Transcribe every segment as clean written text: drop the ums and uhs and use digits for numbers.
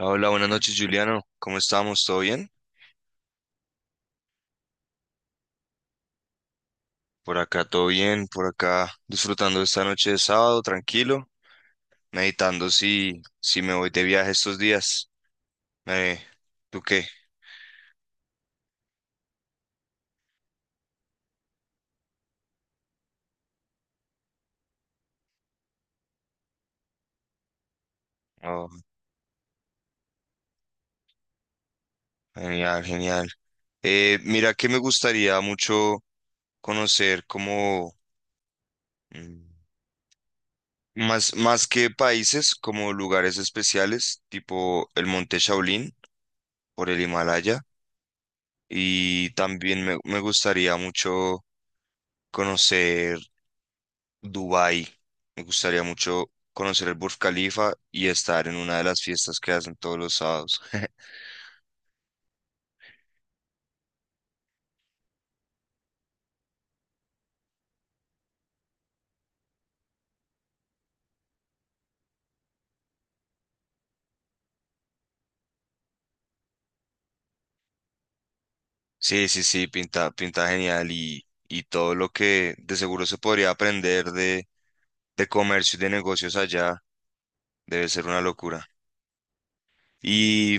Hola, buenas noches, Juliano. ¿Cómo estamos? ¿Todo bien? Por acá, todo bien. Por acá, disfrutando esta noche de sábado, tranquilo. Meditando si me voy de viaje estos días. Eh, ¿Tú qué? Oh, genial, genial. Mira, que me gustaría mucho conocer como mm, más que países, como lugares especiales, tipo el Monte Shaolin por el Himalaya. Y también me gustaría mucho conocer Dubái. Me gustaría mucho conocer el Burj Khalifa y estar en una de las fiestas que hacen todos los sábados. Sí, sí, sí, pinta genial y todo lo que de seguro se podría aprender de comercio y de negocios allá debe ser una locura. Y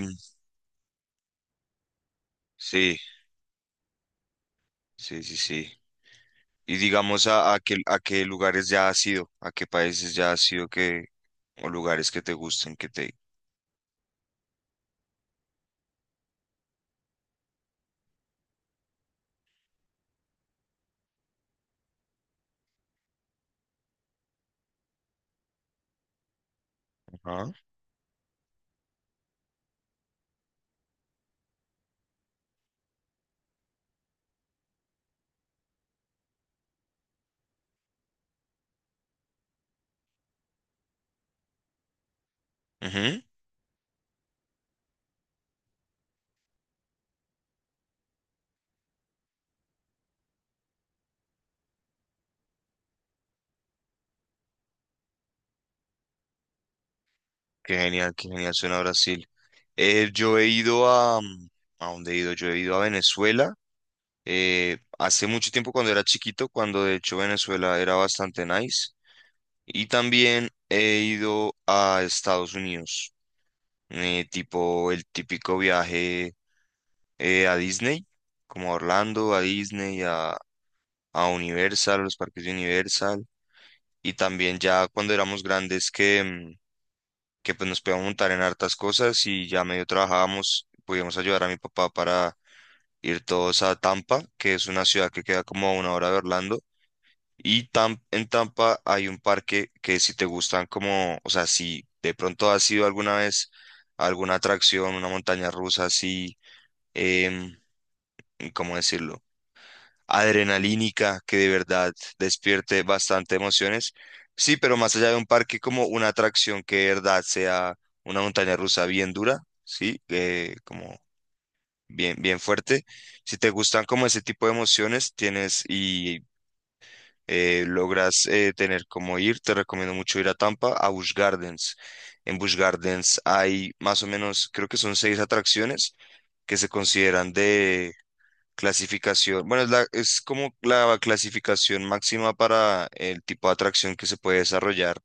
sí, sí, sí, sí. Y digamos a qué lugares ya has ido, a qué países ya has ido que, o lugares que te gusten, que te... Ajá. Ujú. Qué genial suena Brasil. Yo he ido ¿a dónde he ido? Yo he ido a Venezuela. Hace mucho tiempo cuando era chiquito, cuando de hecho Venezuela era bastante nice. Y también he ido a Estados Unidos. Tipo el típico viaje a Disney, como a Orlando, a Disney, a Universal, los parques de Universal. Y también ya cuando éramos grandes que pues nos podíamos montar en hartas cosas y ya medio trabajábamos, podíamos ayudar a mi papá para ir todos a Tampa, que es una ciudad que queda como a una hora de Orlando. Y en Tampa hay un parque que si te gustan como, o sea, si de pronto has ido alguna vez a alguna atracción, una montaña rusa así, em, ¿cómo decirlo? Adrenalínica, que de verdad despierte bastante emociones. Sí, pero más allá de un parque como una atracción que de verdad sea una montaña rusa bien dura, sí, como bien, bien fuerte. Si te gustan como ese tipo de emociones, tienes y logras tener como ir, te recomiendo mucho ir a Tampa, a Busch Gardens. En Busch Gardens hay más o menos, creo que son seis atracciones que se consideran de clasificación. Bueno, es, la- es como la clasificación máxima para el tipo de atracción que se puede desarrollar,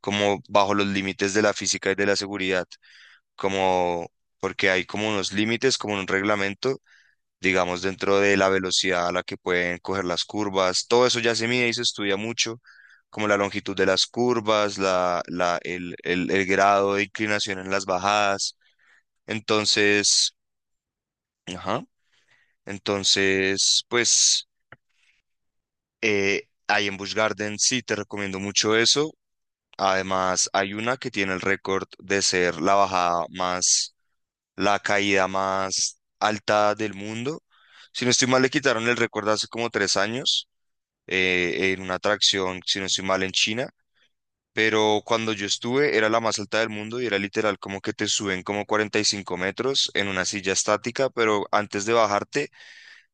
como bajo los límites de la física y de la seguridad, como porque hay como unos límites, como un reglamento digamos, dentro de la velocidad a la que pueden coger las curvas. Todo eso ya se mide y se estudia mucho, como la longitud de las curvas, el grado de inclinación en las bajadas. Entonces, ajá, entonces, pues, ahí en Busch Garden sí te recomiendo mucho eso. Además, hay una que tiene el récord de ser la bajada más, la caída más alta del mundo. Si no estoy mal, le quitaron el récord hace como 3 años en una atracción, si no estoy mal, en China. Pero cuando yo estuve era la más alta del mundo y era literal como que te suben como 45 metros en una silla estática, pero antes de bajarte,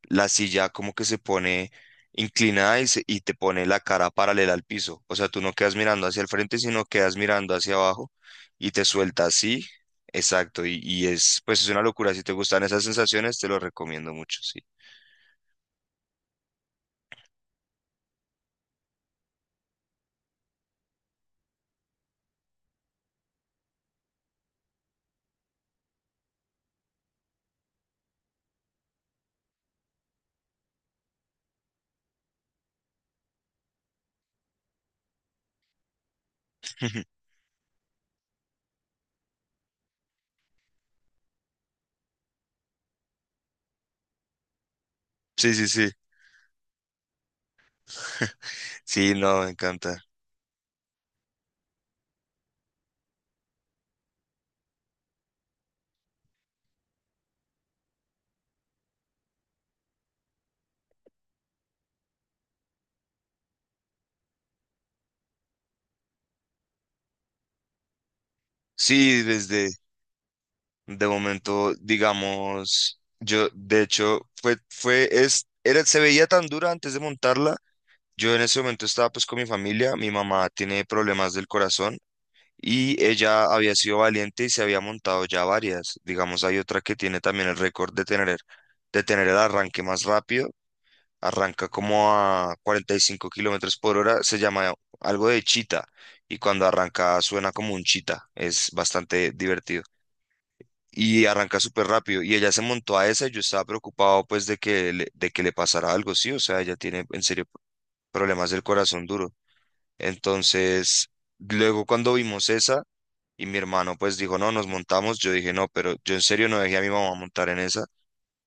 la silla como que se pone inclinada y, se- y te pone la cara paralela al piso. O sea, tú no quedas mirando hacia el frente, sino quedas mirando hacia abajo y te suelta así. Exacto, y es pues es una locura. Si te gustan esas sensaciones, te lo recomiendo mucho, sí. Sí, sí, sí. Sí, no, me encanta. Sí, desde de momento, digamos, yo de hecho fue fue es era se veía tan dura antes de montarla. Yo en ese momento estaba pues con mi familia, mi mamá tiene problemas del corazón y ella había sido valiente y se había montado ya varias. Digamos, hay otra que tiene también el récord de tener el arranque más rápido. Arranca como a 45 kilómetros por hora, se llama algo de chita y cuando arranca suena como un chita. Es bastante divertido. Y arranca súper rápido. Y ella se montó a esa y yo estaba preocupado pues de que le, pasara algo, sí, o sea, ella tiene en serio problemas del corazón duro. Entonces, luego cuando vimos esa y mi hermano pues dijo, no, nos montamos, yo dije, no, pero yo en serio no dejé a mi mamá montar en esa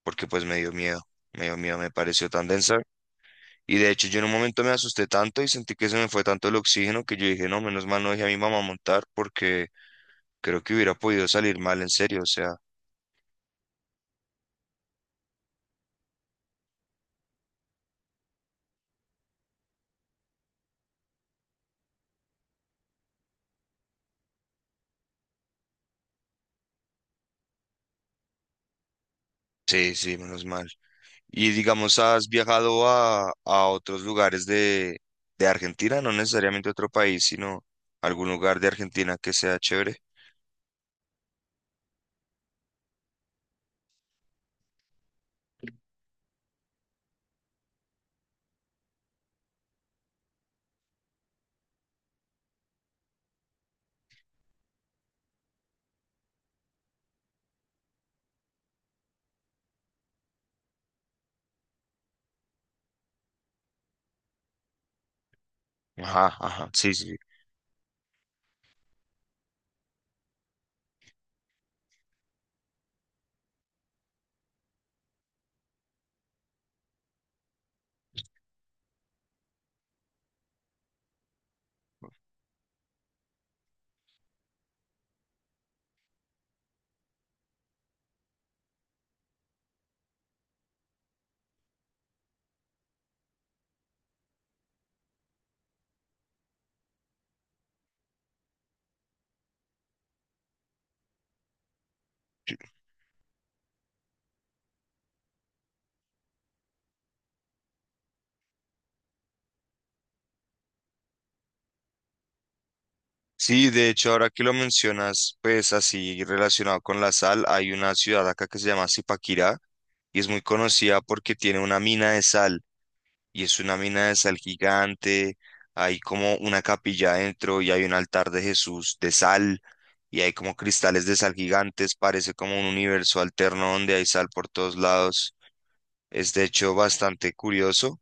porque pues me dio miedo, me dio miedo, me pareció tan densa. Y de hecho yo en un momento me asusté tanto y sentí que se me fue tanto el oxígeno que yo dije, no, menos mal no dejé a mi mamá montar porque creo que hubiera podido salir mal en serio, o sea, sí, sí, menos mal. Y digamos, ¿has viajado a otros lugares de Argentina? No necesariamente otro país, sino algún lugar de Argentina que sea chévere. Ajá, ajá, sí, sí. Sí, de hecho, ahora que lo mencionas, pues así relacionado con la sal, hay una ciudad acá que se llama Zipaquirá y es muy conocida porque tiene una mina de sal y es una mina de sal gigante, hay como una capilla adentro y hay un altar de Jesús de sal y hay como cristales de sal gigantes, parece como un universo alterno donde hay sal por todos lados. Es de hecho bastante curioso,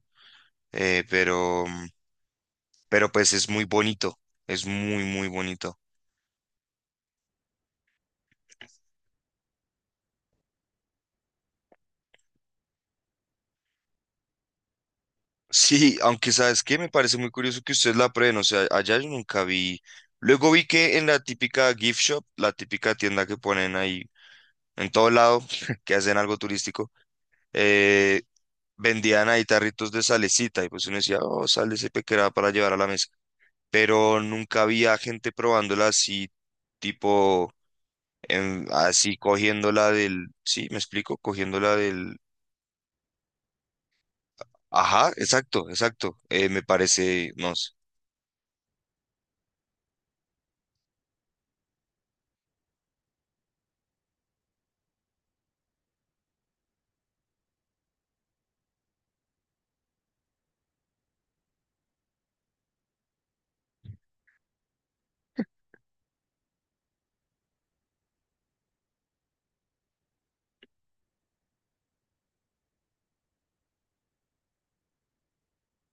eh, pero, pero pues es muy bonito, es muy, muy bonito. Sí, aunque sabes qué, me parece muy curioso que ustedes la prueben, o sea, allá yo nunca vi. Luego vi que en la típica gift shop, la típica tienda que ponen ahí en todo lado, que hacen algo turístico, eh, vendían ahí tarritos de salecita y pues uno decía, oh, sal de ese pequeño para llevar a la mesa. Pero nunca había gente probándola así, tipo, así cogiéndola del, sí, me explico, cogiéndola del, ajá, exacto, exacto, me parece, no sé,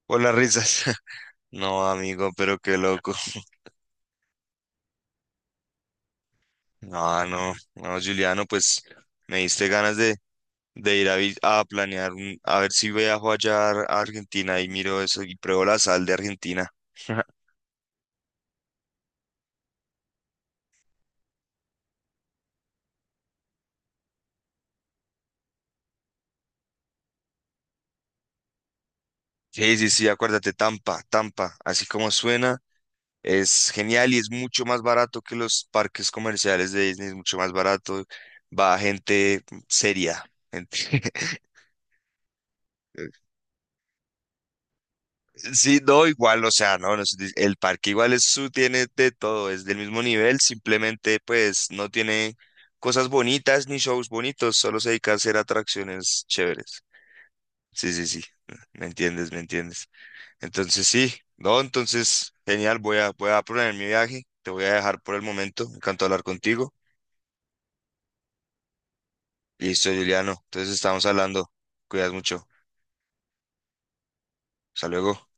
por las risas. No, amigo, pero qué loco. No, no, no, Juliano, pues me diste ganas de ir a planear, a ver si viajo allá a Argentina y miro eso y pruebo la sal de Argentina. Sí, sí, sí, acuérdate, Tampa, Tampa, así como suena. Es genial y es mucho más barato que los parques comerciales de Disney, es mucho más barato. Va gente seria, gente. Sí, no, igual, o sea, no, no el parque igual es su, tiene de todo, es del mismo nivel, simplemente pues no tiene cosas bonitas ni shows bonitos, solo se dedica a hacer atracciones chéveres. Sí, sí, sí, me entiendes, me entiendes. Entonces sí, no, entonces genial, voy a poner mi viaje, te voy a dejar por el momento, me encantó hablar contigo. Listo, Juliano. Entonces estamos hablando. Cuidas mucho. Hasta luego.